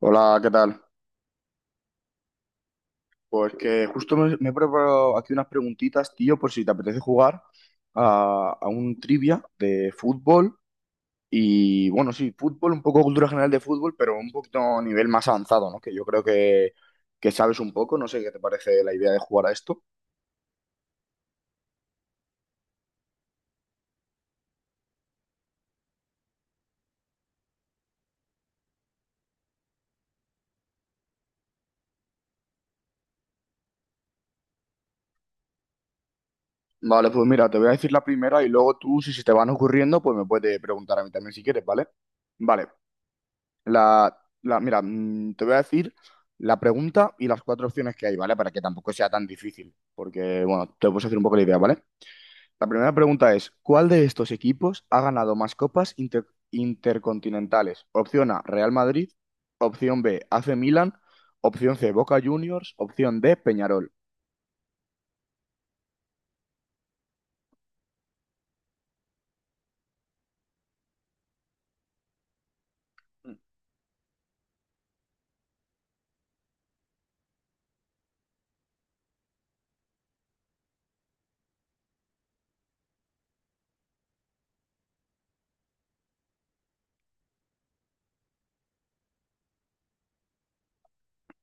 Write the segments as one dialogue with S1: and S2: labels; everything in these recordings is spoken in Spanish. S1: Hola, ¿qué tal? Pues que justo me he preparado aquí unas preguntitas, tío, por si te apetece jugar a un trivia de fútbol y, bueno, sí, fútbol, un poco cultura general de fútbol, pero un poquito a nivel más avanzado, ¿no? Que yo creo que sabes un poco, no sé qué te parece la idea de jugar a esto. Vale, pues mira, te voy a decir la primera y luego tú, si se te van ocurriendo, pues me puedes preguntar a mí también si quieres, ¿vale? Vale. La, Mira, te voy a decir la pregunta y las cuatro opciones que hay, ¿vale? Para que tampoco sea tan difícil, porque, bueno, te puedes hacer un poco la idea, ¿vale? La primera pregunta es, ¿cuál de estos equipos ha ganado más copas intercontinentales? Opción A, Real Madrid. Opción B, AC Milan. Opción C, Boca Juniors. Opción D, Peñarol.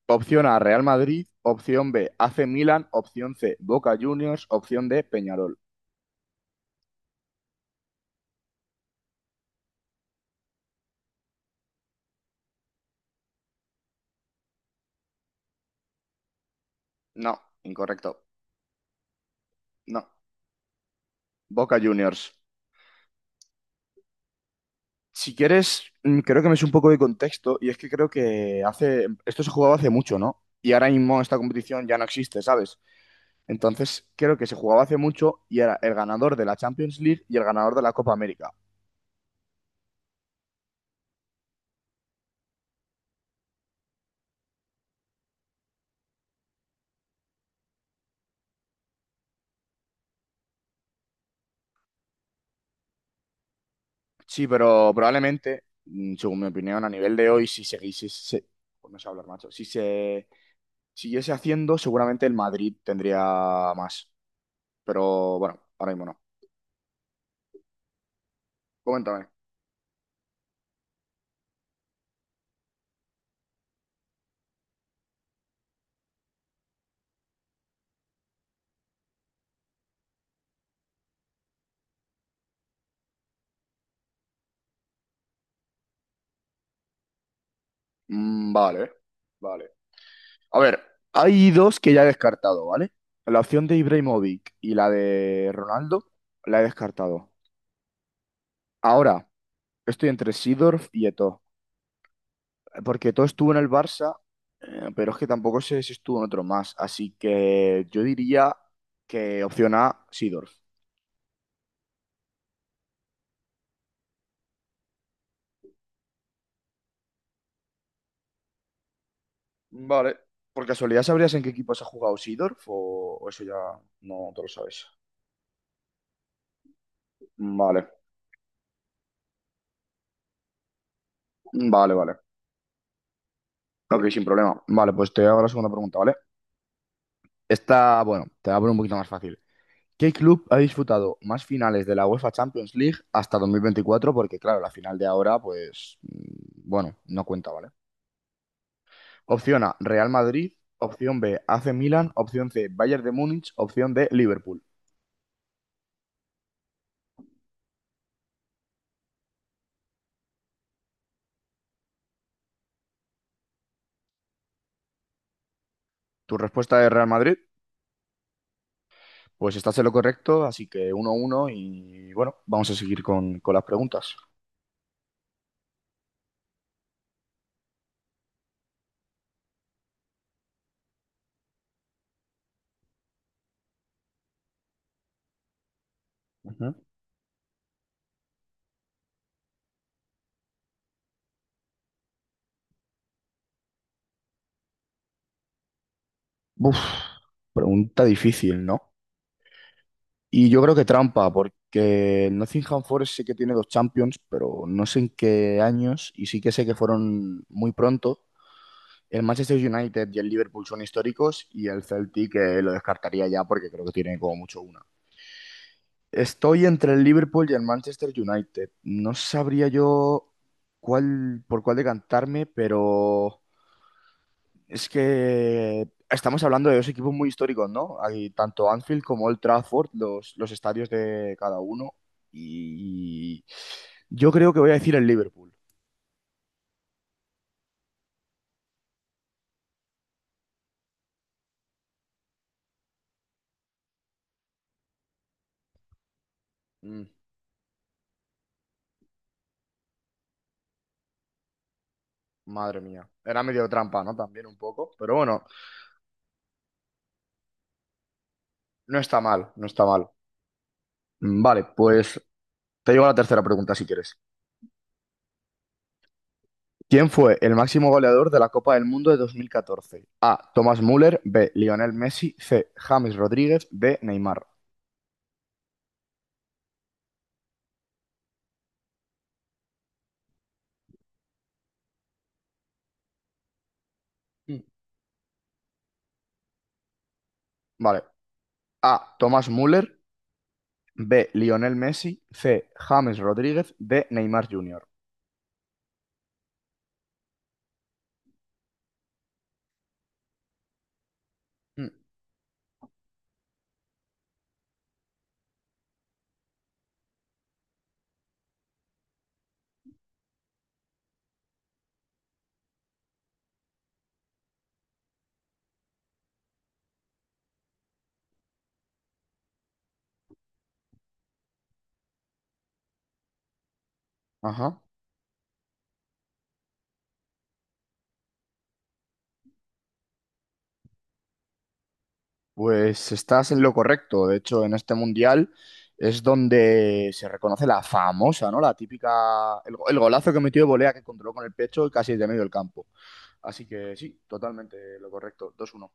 S1: Opción A, Real Madrid. Opción B, AC Milan. Opción C, Boca Juniors. Opción D, Peñarol. No, incorrecto. No, Boca Juniors. Si quieres, creo que me es un poco de contexto y es que creo que hace, esto se jugaba hace mucho, ¿no? Y ahora mismo esta competición ya no existe, ¿sabes? Entonces, creo que se jugaba hace mucho y era el ganador de la Champions League y el ganador de la Copa América. Sí, pero probablemente, según mi opinión, a nivel de hoy, si seguís, si se, pues no sé hablar, macho, si se siguiese haciendo, seguramente el Madrid tendría más. Pero bueno, ahora mismo no. Coméntame. Vale, vale. A ver, hay dos que ya he descartado, ¿vale? La opción de Ibrahimovic y la de Ronaldo la he descartado. Ahora, estoy entre Seedorf y Eto'o, porque Eto'o estuvo en el Barça, pero es que tampoco sé si estuvo en otro más, así que yo diría que opción A, Seedorf. Vale. ¿Por casualidad sabrías en qué equipos ha jugado Seedorf o eso ya no te lo sabes? Vale, vale, vale. Ok, sin problema. Vale, pues te hago la segunda pregunta, ¿vale? Esta, bueno, te la voy a poner un poquito más fácil. ¿Qué club ha disputado más finales de la UEFA Champions League hasta 2024? Porque claro, la final de ahora, pues, bueno, no cuenta, ¿vale? Opción A, Real Madrid. Opción B, AC Milan. Opción C, Bayern de Múnich. Opción D, Liverpool. ¿Tu respuesta es Real Madrid? Pues estás en lo correcto, así que 1 uno y bueno, vamos a seguir con las preguntas. Ujú. Uf, pregunta difícil, ¿no? Y yo creo que trampa, porque el Nottingham Forest sí que tiene dos Champions, pero no sé en qué años, y sí que sé que fueron muy pronto. El Manchester United y el Liverpool son históricos, y el Celtic lo descartaría ya porque creo que tiene como mucho una. Estoy entre el Liverpool y el Manchester United. No sabría yo cuál, por cuál decantarme, pero es que estamos hablando de dos equipos muy históricos, ¿no? Hay tanto Anfield como Old Trafford, los estadios de cada uno. Y yo creo que voy a decir el Liverpool. Mm, madre mía. Era medio trampa, ¿no? También un poco. Pero bueno, no está mal, no está mal. Vale, pues te llevo a la tercera pregunta si quieres. ¿Quién fue el máximo goleador de la Copa del Mundo de 2014? A. Thomas Müller. B. Lionel Messi. C. James Rodríguez. D. Neymar. Mm. Vale. A. Thomas Müller. B. Lionel Messi. C. James Rodríguez. D. Neymar Jr. Mm, ajá. Pues estás en lo correcto. De hecho, en este mundial es donde se reconoce la famosa, ¿no? La típica. El golazo que metió de volea que controló con el pecho y casi de medio del campo. Así que sí, totalmente lo correcto. 2-1.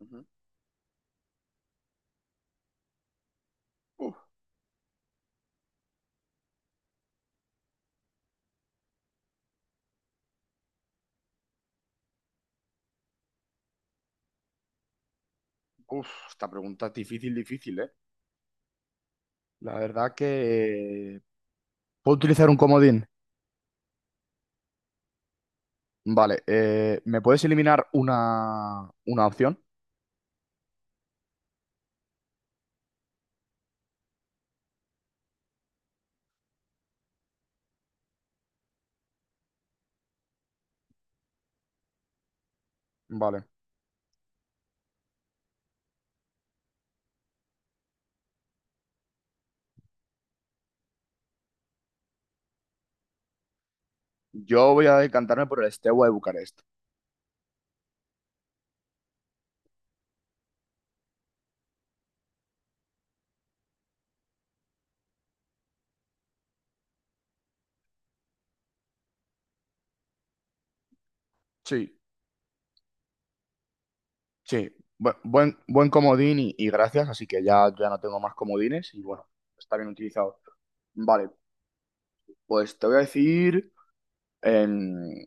S1: Ujú. Uf, uf, esta pregunta es difícil, difícil, ¿eh? La verdad que. ¿Puedo utilizar un comodín? Vale. ¿Me puedes eliminar una opción? Vale. Yo voy a decantarme por el Steaua de Bucarest. Sí, sí, comodín y gracias, así que ya, ya no tengo más comodines y bueno, está bien utilizado. Vale, pues te voy a decir em,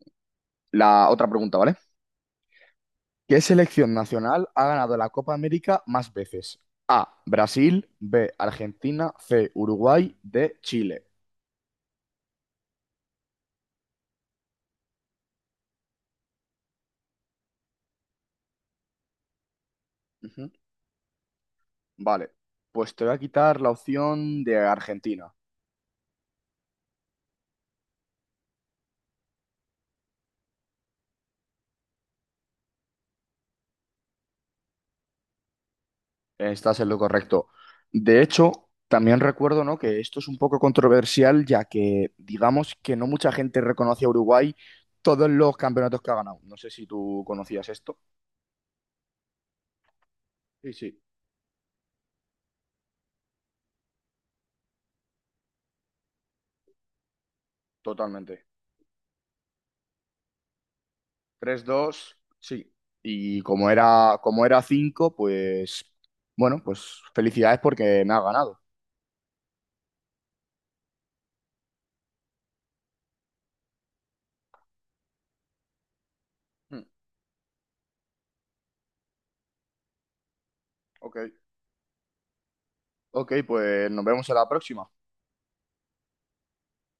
S1: la otra pregunta, ¿vale? ¿Qué selección nacional ha ganado la Copa América más veces? A, Brasil, B, Argentina, C, Uruguay, D, Chile. Ujú. Vale, pues te voy a quitar la opción de Argentina. Estás en lo correcto. De hecho, también recuerdo, ¿no? que esto es un poco controversial, ya que digamos que no mucha gente reconoce a Uruguay todos los campeonatos que ha ganado. No sé si tú conocías esto. Sí, sí, totalmente. 3-2, sí. Y como era 5 pues bueno, pues felicidades porque me ha ganado. Hmm, ok, ok, pues nos vemos en la próxima.